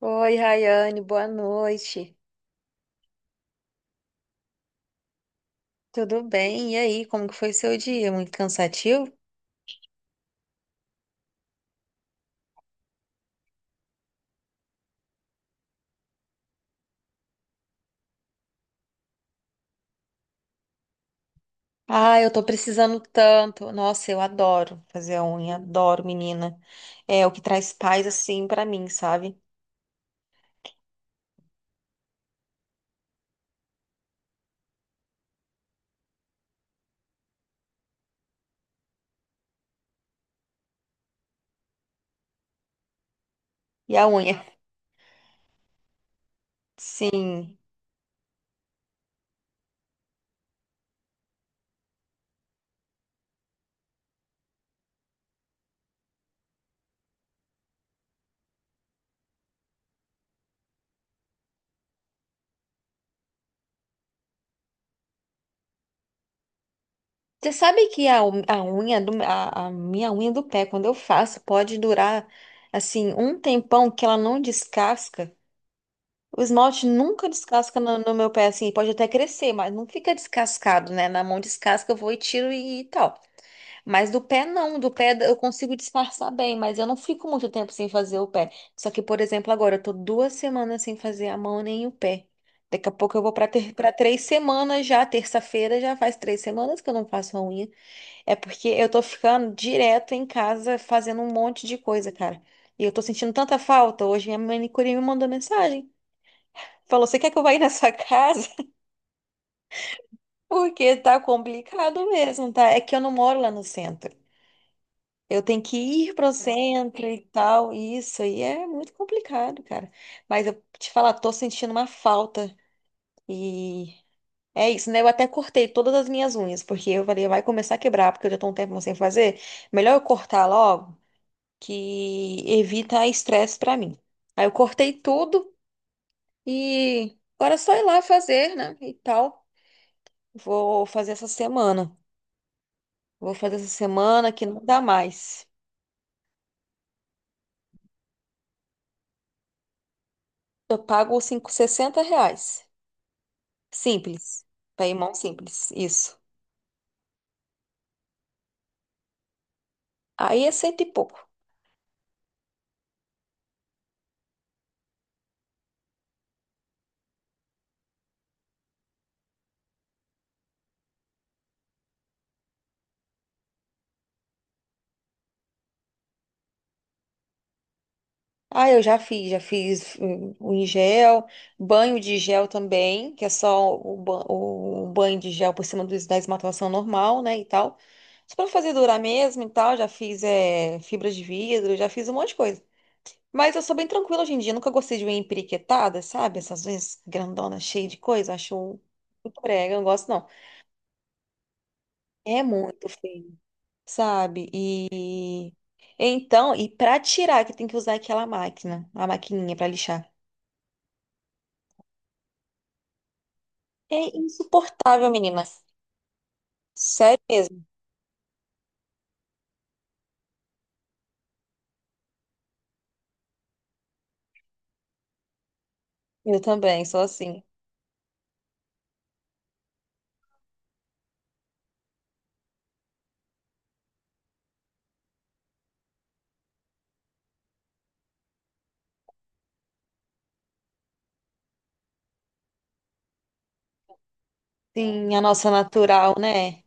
Oi, Rayane, boa noite. Tudo bem? E aí, como que foi seu dia? Muito cansativo? Ah, eu tô precisando tanto. Nossa, eu adoro fazer a unha, adoro, menina. É o que traz paz assim pra mim, sabe? E a unha? Sim. Você sabe que a unha a minha unha do pé, quando eu faço, pode durar assim um tempão que ela não descasca. O esmalte nunca descasca no meu pé, assim, pode até crescer, mas não fica descascado, né? Na mão descasca, eu vou e tiro e tal. Mas do pé não, do pé eu consigo disfarçar bem, mas eu não fico muito tempo sem fazer o pé. Só que, por exemplo, agora eu tô 2 semanas sem fazer a mão nem o pé. Daqui a pouco eu vou para 3 semanas já, terça-feira já faz 3 semanas que eu não faço a unha. É porque eu tô ficando direto em casa fazendo um monte de coisa, cara. E eu tô sentindo tanta falta. Hoje minha manicure me mandou mensagem. Falou, você quer que eu vá ir na sua casa? Porque tá complicado mesmo, tá? É que eu não moro lá no centro. Eu tenho que ir pro centro e tal. E isso aí é muito complicado, cara. Mas eu te falar, tô sentindo uma falta. E é isso, né? Eu até cortei todas as minhas unhas, porque eu falei, vai começar a quebrar, porque eu já tô um tempo sem fazer. Melhor eu cortar logo, que evita estresse pra mim. Aí eu cortei tudo e agora é só ir lá fazer, né? E tal. Vou fazer essa semana. Vou fazer essa semana que não dá mais. Eu pago R$ 60. Simples. Paymão simples. Isso. Aí é cento e pouco. Ah, eu já fiz o em gel, banho de gel também, que é só o banho de gel por cima dos da esmaltação normal, né, e tal. Só pra fazer durar mesmo e tal, já fiz fibra de vidro, já fiz um monte de coisa. Mas eu sou bem tranquila hoje em dia. Eu nunca gostei de unha empiriquetada, sabe? Essas unhas grandonas, cheias de coisa. Acho muito brega, eu não gosto não. É muito feio, sabe? E então, pra tirar, que tem que usar aquela máquina, a maquininha pra lixar. É insuportável, menina. Sério mesmo. Eu também, sou assim. Sim, a nossa natural, né?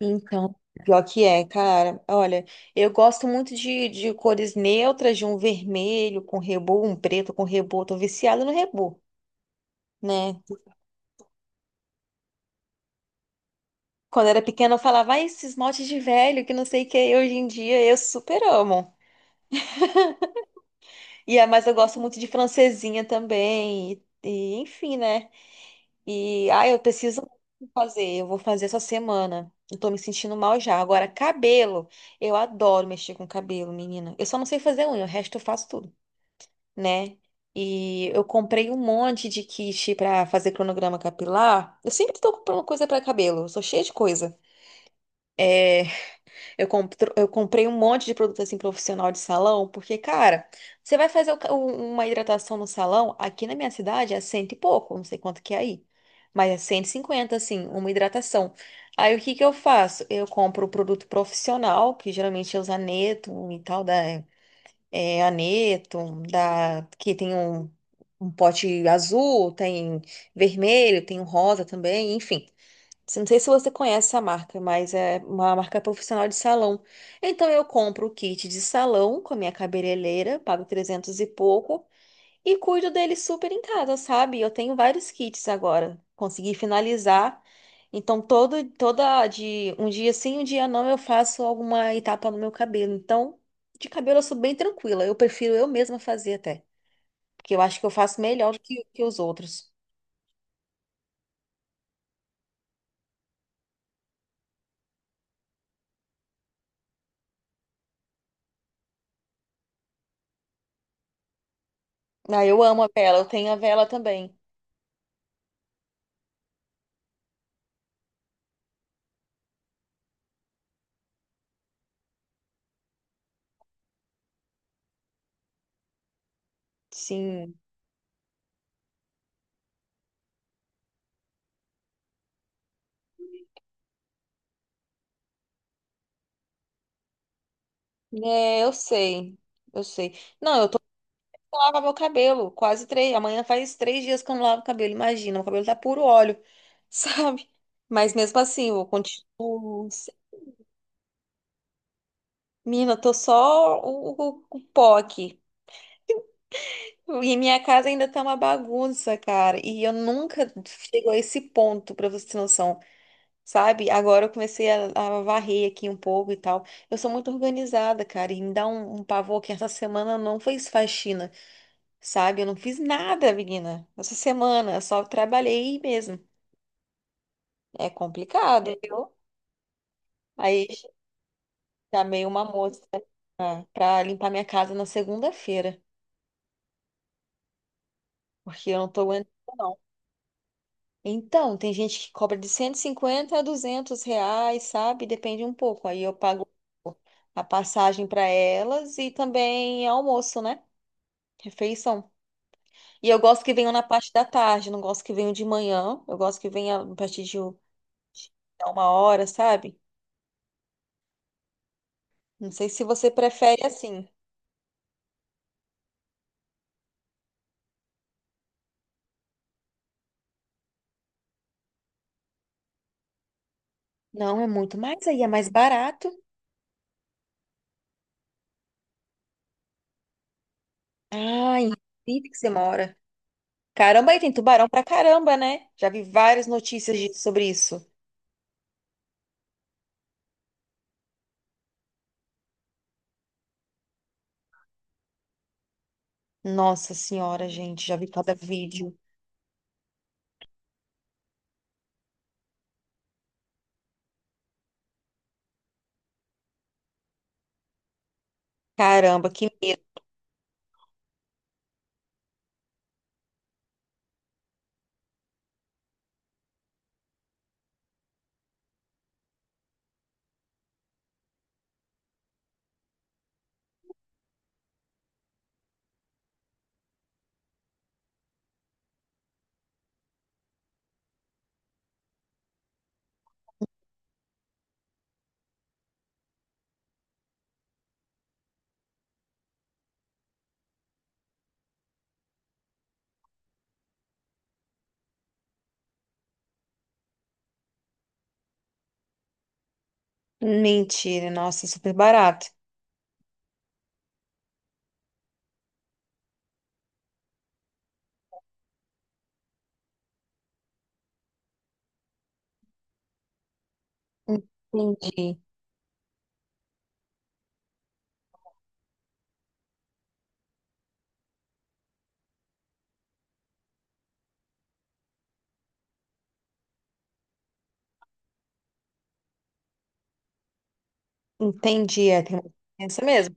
Então, pior que é, cara. Olha, eu gosto muito de cores neutras, de um vermelho com rebô, um preto com rebô. Tô viciada no rebô, né? Quando era pequena, eu falava, ai, esse esmalte de velho, que não sei o que. É." Hoje em dia, eu super amo. Mas eu gosto muito de francesinha também. E, enfim, né? E, ai, eu preciso fazer. Eu vou fazer essa semana. Eu tô me sentindo mal já. Agora, cabelo. Eu adoro mexer com cabelo, menina. Eu só não sei fazer unha. O resto eu faço tudo, né? E eu comprei um monte de kit pra fazer cronograma capilar. Eu sempre tô comprando coisa pra cabelo, eu sou cheia de coisa. É, eu comprei um monte de produto assim profissional de salão, porque, cara, você vai fazer uma hidratação no salão, aqui na minha cidade é cento e pouco, não sei quanto que é aí, mas é 150 assim, uma hidratação. Aí o que que eu faço? Eu compro o produto profissional, que geralmente é o Zaneto e tal, da é, aneto, da, que tem um pote azul, tem vermelho, tem um rosa também, enfim. Não sei se você conhece essa marca, mas é uma marca profissional de salão. Então eu compro o kit de salão com a minha cabeleireira, pago 300 e pouco, e cuido dele super em casa, sabe? Eu tenho vários kits agora. Consegui finalizar. Então, toda de um dia sim, um dia não, eu faço alguma etapa no meu cabelo. Então, de cabelo eu sou bem tranquila. Eu prefiro eu mesma fazer até. Porque eu acho que eu faço melhor do que os outros. Ah, eu amo a vela, eu tenho a vela também. Sim. É, eu sei. Eu sei. Não, eu lavo meu cabelo. Quase três. Amanhã faz 3 dias que eu não lavo o cabelo. Imagina, o cabelo tá puro óleo, sabe? Mas mesmo assim, eu continuo. Mina, eu tô só o pó aqui. E minha casa ainda tá uma bagunça, cara. E eu nunca chego a esse ponto, pra você ter noção, sabe? Agora eu comecei a varrer aqui um pouco e tal. Eu sou muito organizada, cara. E me dá um pavor que essa semana não foi faxina, sabe? Eu não fiz nada, menina, essa semana, eu só trabalhei mesmo. É complicado, viu? Aí chamei uma moça pra limpar minha casa na segunda-feira, porque eu não tô aguentando, não. Então, tem gente que cobra de R$ 150 a R$ 200, sabe? Depende um pouco. Aí eu pago a passagem para elas e também almoço, né? Refeição. E eu gosto que venham na parte da tarde, não gosto que venham de manhã. Eu gosto que venha a partir de 1 hora, sabe? Não sei se você prefere assim. Não, é muito mais aí, é mais barato. Ah, em Recife que você mora. Caramba, aí tem tubarão pra caramba, né? Já vi várias notícias sobre isso. Nossa Senhora, gente, já vi cada vídeo. Caramba, que medo. Mentira, nossa, é super barato. Entendi, entendi, tem uma diferença mesmo.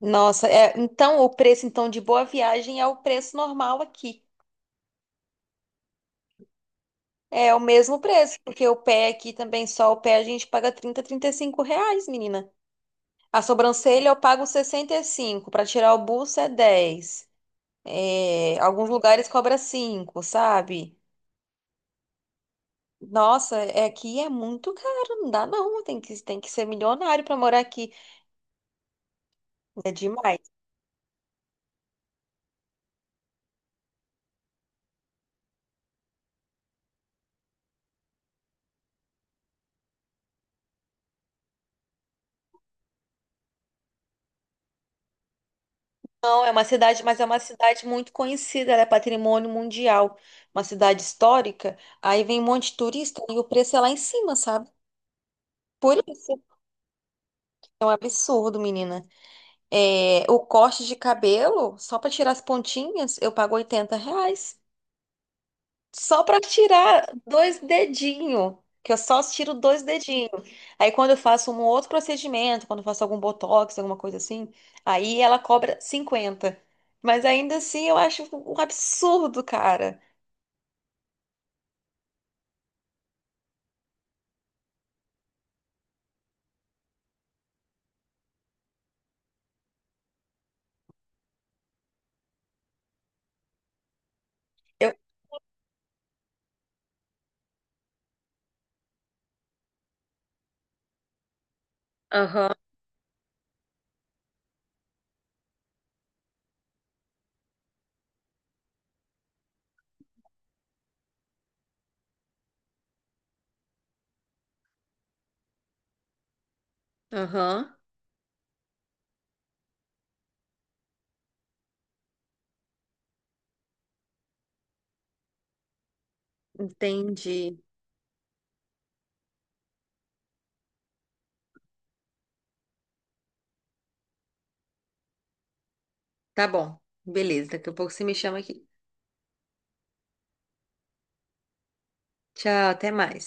Nossa, então o preço então de Boa Viagem é o preço normal aqui. É o mesmo preço, porque o pé aqui também, só o pé a gente paga R$ 30, R$ 35, menina. A sobrancelha eu pago 65, para tirar o buço é 10. Alguns lugares cobra 5, sabe? Nossa, aqui é muito caro, não dá não, tem que ser milionário para morar aqui. É demais. Não, é uma cidade, mas é uma cidade muito conhecida, ela é patrimônio mundial, uma cidade histórica. Aí vem um monte de turista e o preço é lá em cima, sabe? Por isso é um absurdo, menina. O corte de cabelo, só para tirar as pontinhas, eu pago R$ 80. Só para tirar dois dedinhos, que eu só tiro dois dedinhos. Aí quando eu faço um outro procedimento, quando eu faço algum botox, alguma coisa assim, aí ela cobra 50. Mas ainda assim eu acho um absurdo, cara. Eu- Aham, aham, entendi. Tá bom, beleza. Daqui a pouco você me chama aqui. Tchau, até mais.